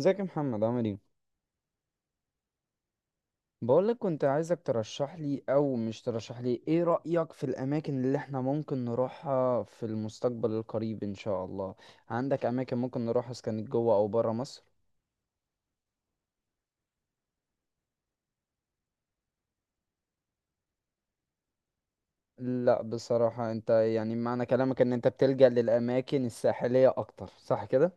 ازيك يا محمد، عامل ايه؟ بقولك كنت عايزك ترشح لي، او مش ترشح لي، ايه رأيك في الاماكن اللي احنا ممكن نروحها في المستقبل القريب ان شاء الله؟ عندك اماكن ممكن نروحها اذا كانت جوه او بره مصر؟ لا بصراحة، انت يعني معنى كلامك ان انت بتلجأ للاماكن الساحلية اكتر، صح كده؟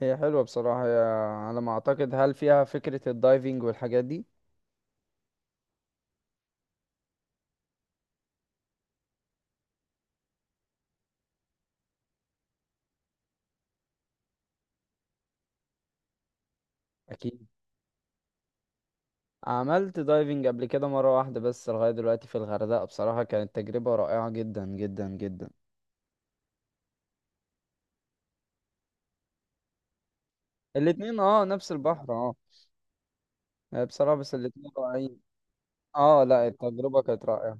هي حلوة بصراحة. هي على ما اعتقد، هل فيها فكرة الدايفنج والحاجات دي؟ اكيد. عملت دايفنج قبل كده مرة واحدة بس لغاية دلوقتي في الغردقة، بصراحة كانت تجربة رائعة جدا جدا جدا. الاتنين اه، نفس البحر اه. آه، بصراحة بس الاتنين رائعين. اه، لا التجربة كانت رائعة.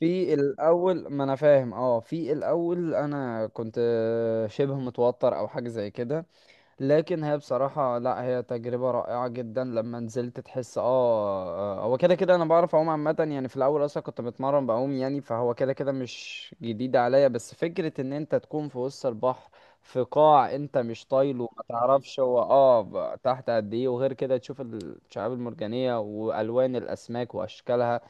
في الأول ما أنا فاهم اه في الأول أنا كنت شبه متوتر أو حاجة زي كده. لكن هي بصراحة، لا هي تجربة رائعة جدا، لما نزلت تحس اه. آه، هو كده كده انا بعرف اعوم عامة، يعني في الاول اصلا كنت بتمرن بعوم، يعني فهو كده كده مش جديد عليا، بس فكرة ان انت تكون في وسط البحر، في قاع انت مش طايله، ما تعرفش هو تحت قد ايه، وغير كده تشوف الشعاب المرجانية والوان الاسماك واشكالها.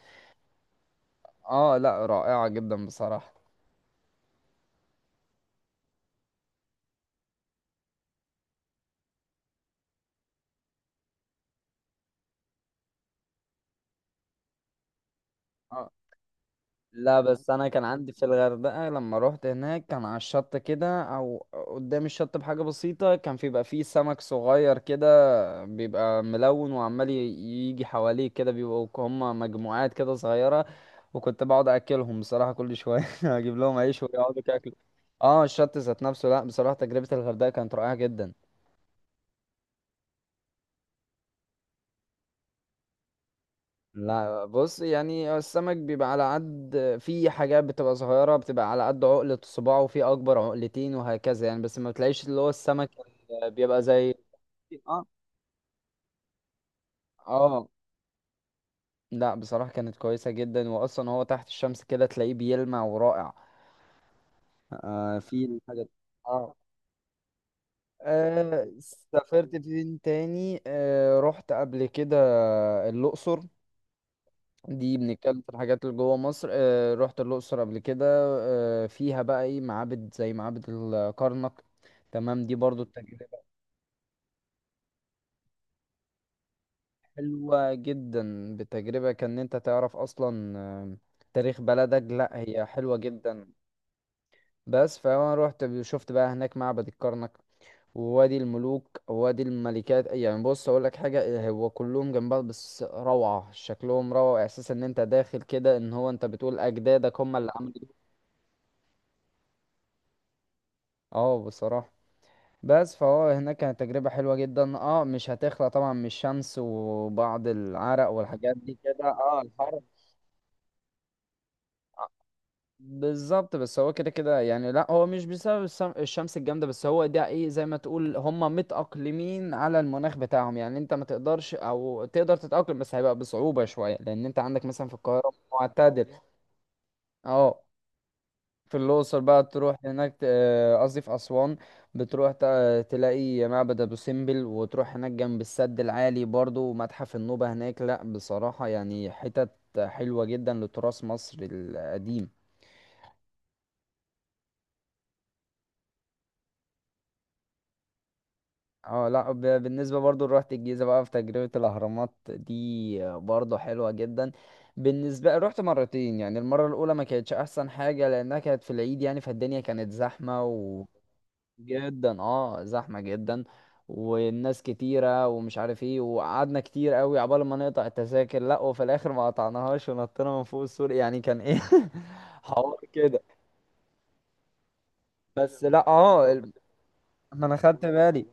اه، لا رائعة جدا بصراحة. آه. لا بس انا كان عندي في الغردقه، لما روحت هناك كان على الشط كده او قدام الشط بحاجه بسيطه، كان في بيبقى فيه سمك صغير كده، بيبقى ملون وعمال يجي حواليه كده، بيبقوا هم مجموعات كده صغيره. وكنت بقعد اكلهم بصراحه كل شويه، اجيب لهم عيش ويقعدوا ياكلوا. اه، الشط ذات نفسه. لا بصراحه تجربه الغردقه كانت رائعه جدا. لا بص، يعني السمك بيبقى على قد، في حاجات بتبقى صغيرة بتبقى على قد عقلة صباعه، وفي أكبر عقلتين وهكذا يعني، بس ما بتلاقيش اللي هو السمك اللي بيبقى زي. اه، اه، لا بصراحة كانت كويسة جدا، وأصلا هو تحت الشمس كده تلاقيه بيلمع ورائع. آه في الحاجة. اه، آه، سافرت فين تاني؟ آه رحت قبل كده الأقصر. دي بنتكلم في الحاجات اللي جوه مصر. آه، رحت الأقصر قبل كده. آه، فيها بقى ايه، معابد زي معابد الكرنك. تمام، دي برضو التجربة حلوة جدا، بتجربة كان انت تعرف اصلا آه، تاريخ بلدك، لا هي حلوة جدا. بس فانا رحت شفت بقى هناك معبد الكرنك ووادي الملوك ووادي الملكات، يعني بص اقول لك حاجة، هو كلهم جنب بعض بس روعة، شكلهم روعة، احساس ان انت داخل كده، ان هو انت بتقول اجدادك هم اللي عملوا. اه بصراحة، بس فهو هناك كانت تجربة حلوة جدا، اه مش هتخلى طبعا من الشمس وبعض العرق والحاجات دي كده، اه الحر. بالظبط، بس هو كده كده يعني لا هو مش بسبب الشمس الجامدة بس، هو ده ايه، زي ما تقول هم متأقلمين على المناخ بتاعهم، يعني انت ما تقدرش او تقدر تتأقلم بس هيبقى بصعوبة شوية، لان انت عندك مثلا في القاهرة معتدل. اه، في الأقصر بقى تروح هناك قصدي في أسوان، بتروح تلاقي معبد أبو سمبل، وتروح هناك جنب السد العالي برضو ومتحف النوبة هناك. لأ بصراحة يعني حتت حلوة جدا لتراث مصر القديم. اه، لا بالنسبة برضو روحت الجيزة بقى في تجربة الأهرامات دي، آه، برضو حلوة جدا. بالنسبة رحت مرتين، يعني المرة الأولى ما كانتش أحسن حاجة لأنها كانت في العيد، يعني فالدنيا كانت زحمة جدا، اه زحمة جدا. والناس كتيرة ومش عارف ايه، وقعدنا كتير قوي عبال ما نقطع التذاكر، لا وفي الاخر ما قطعناهاش ونطينا من فوق السور، يعني كان ايه، حوار كده. بس لا اه ما انا خدت بالي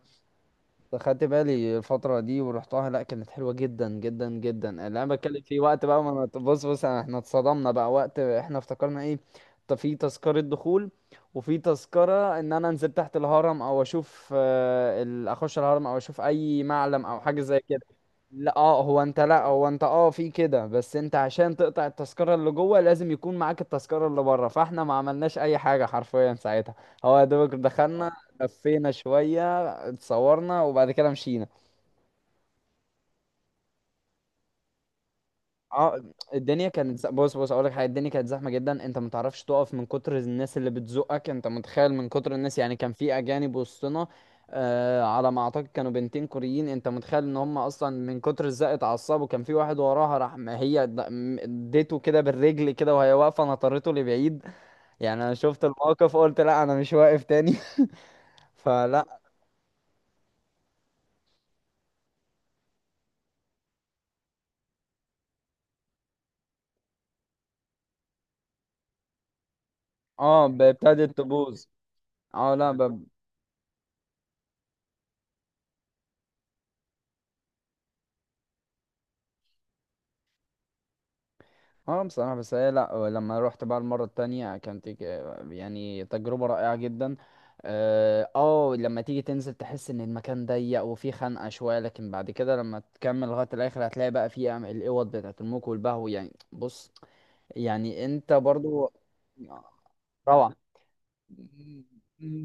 خدت بالي الفترة دي ورحتها، لا كانت حلوة جدا جدا جدا، اللي انا بتكلم فيه وقت بقى، ما أنا- بص بص احنا اتصدمنا بقى وقت احنا افتكرنا ايه. طب في تذكرة دخول، وفي تذكرة ان انا انزل تحت الهرم او اشوف آه، اخش الهرم، او اشوف اي معلم او حاجة زي كده. لا، اه، هو انت، لا هو انت اه في كده، بس انت عشان تقطع التذكرة اللي جوه لازم يكون معاك التذكرة اللي بره، فاحنا ما عملناش اي حاجة حرفيا ساعتها. هو يا دوبك دخلنا، لفينا شوية، اتصورنا وبعد كده مشينا. اه الدنيا كانت بص بص اقول لك حاجه، الدنيا كانت زحمه جدا، انت ما تعرفش تقف من كتر الناس اللي بتزقك، انت متخيل من كتر الناس، يعني كان في اجانب وسطنا. آه، على ما اعتقد كانوا بنتين كوريين، انت متخيل ان هم اصلا من كتر الزق اتعصبوا، كان في واحد وراها راح، ما هي اديته كده بالرجل كده وهي واقفه، نطرته لبعيد. يعني انا شفت الموقف قلت، لا انا مش واقف تاني. فلا. اه ابتدت تبوظ. اه، لا بصراحة بس هي لا آه، لما روحت بقى المرة التانية كانت يعني تجربة رائعة جدا. اه، آه، لما تيجي تنزل تحس ان المكان ضيق وفيه خنقة شوية، لكن بعد كده لما تكمل لغاية الاخر هتلاقي بقى فيه الاوض بتاعت الموك والبهو يعني، بص. يعني انت برضو روعة.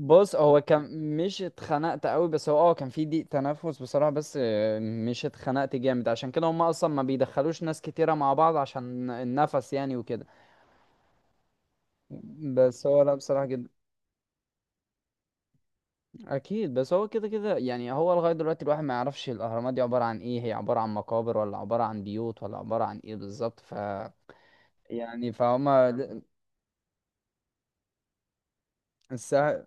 بص هو كان مش اتخنقت قوي، بس هو اه كان في ضيق تنفس بصراحة، بس آه، مش اتخنقت جامد، عشان كده هم اصلا ما بيدخلوش ناس كتيرة مع بعض عشان النفس، يعني وكده. بس هو لا بصراحة جدا. أكيد، بس هو كده كده يعني، هو لغاية دلوقتي الواحد ما يعرفش الأهرامات دي عبارة عن إيه، هي عبارة عن مقابر ولا عبارة عن بيوت ولا عبارة عن إيه بالظبط، ف يعني فهما الساحل،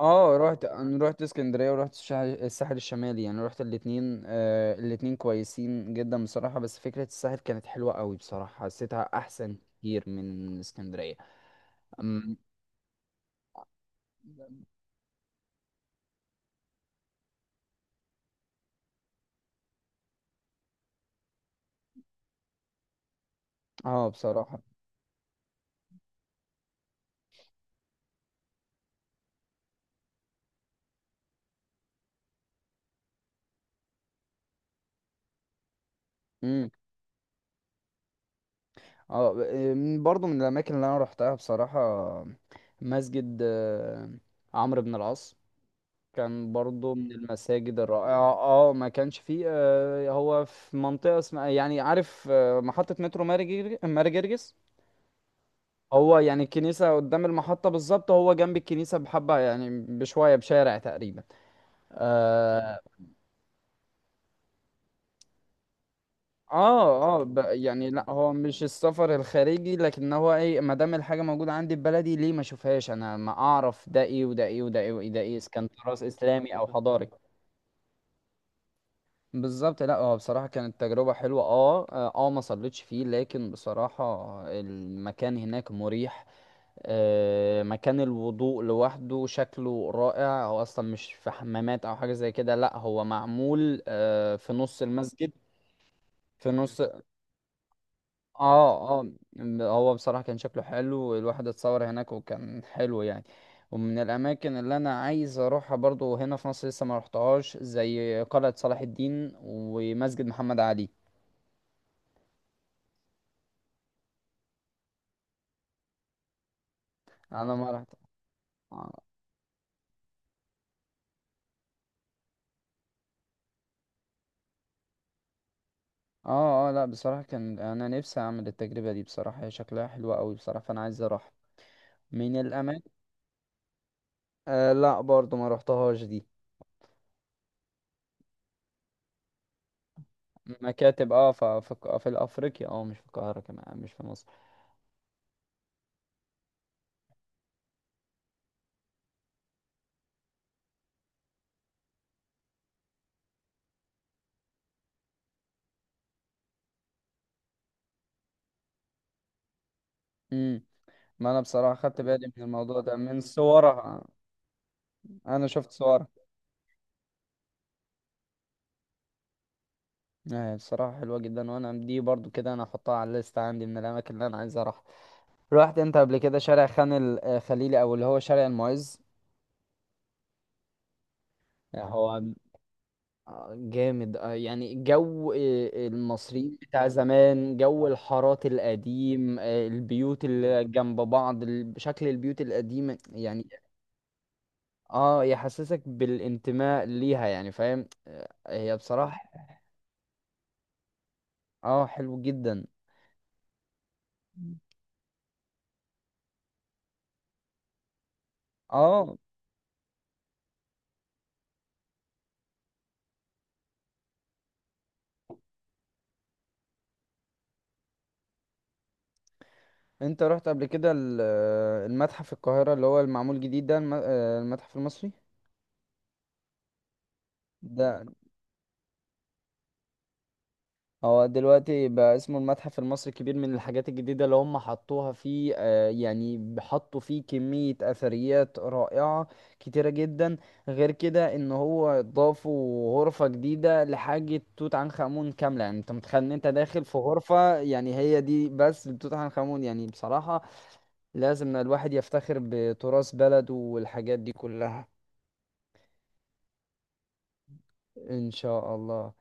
اه أنا رحت اسكندرية ورحت الساحل الشمالي، يعني رحت الاتنين، آه الاتنين كويسين جدا بصراحة، بس فكرة الساحل كانت حلوة قوي بصراحة، حسيتها أحسن كتير من اسكندرية. أم- اه بصراحة. إمم. اه برضو من الاماكن اللي انا روحتها بصراحة، مسجد آه، عمرو بن العاص كان برضو من المساجد الرائعة، اه ما كانش فيه آه، هو في منطقة اسمها يعني عارف، آه، محطة مترو ماري جرجس. هو يعني الكنيسة قدام المحطة بالظبط، هو جنب الكنيسة بحبة يعني بشوية بشارع تقريبا، آه. اه، اه، يعني لا هو مش السفر الخارجي، لكن هو ايه، ما دام الحاجه موجوده عندي في بلدي ليه ما اشوفهاش، انا ما اعرف ده ايه وده ايه وده ايه وده ايه، ده إيه، اذا كان تراث اسلامي او حضاري. بالظبط، لا هو بصراحه كانت تجربه حلوه، اه، اه، آه، ما صليتش فيه لكن بصراحه المكان هناك مريح. آه، مكان الوضوء لوحده شكله رائع، هو اصلا مش في حمامات او حاجه زي كده، لا هو معمول آه في نص المسجد. في نص. اه، اه، هو بصراحة كان شكله حلو، الواحد اتصور هناك وكان حلو يعني. ومن الأماكن اللي أنا عايز أروحها برضو هنا في مصر لسه ما رحتهاش زي قلعة صلاح الدين ومسجد محمد علي. أنا ما رحت. اه، اه، لا بصراحة كان أنا نفسي أعمل التجربة دي بصراحة، هي شكلها حلوة أوي بصراحة، فأنا عايز أروح من الأماكن. آه، لا برضو ما رحتهاش دي. مكاتب، اه، في أفريقيا، اه مش في القاهرة كمان، مش في مصر. مم. ما انا بصراحة خدت بالي من الموضوع ده من صورها. انا شفت صورها. آه، بصراحة حلوة جدا، وانا دي برضو كده انا احطها على الليست عندي من الاماكن اللي انا عايز اروح. رحت انت قبل كده شارع خان الخليلي، او اللي هو شارع المعز؟ آه، هو جامد، آه يعني جو آه المصريين بتاع زمان، جو الحارات القديم آه، البيوت اللي جنب بعض، شكل البيوت القديمة يعني. اه يحسسك بالانتماء ليها، يعني فاهم آه، هي بصراحة، اه حلو جدا. مم. اه، انت رحت قبل كده المتحف القاهرة اللي هو المعمول جديد ده، المتحف المصري ده. هو دلوقتي بقى اسمه المتحف المصري الكبير، من الحاجات الجديدة اللي هم حطوها فيه آه، يعني حطوا فيه كمية أثريات رائعة كتيرة جدا. غير كده ان هو ضافوا غرفة جديدة لحاجة توت عنخ آمون كاملة، يعني انت متخيل ان انت داخل في غرفة يعني هي دي بس لتوت عنخ آمون، يعني بصراحة لازم الواحد يفتخر بتراث بلده والحاجات دي كلها. ان شاء الله.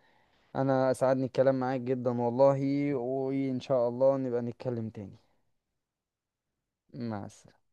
انا اسعدني الكلام معاك جدا والله، وان شاء الله نبقى نتكلم تاني. مع السلامة.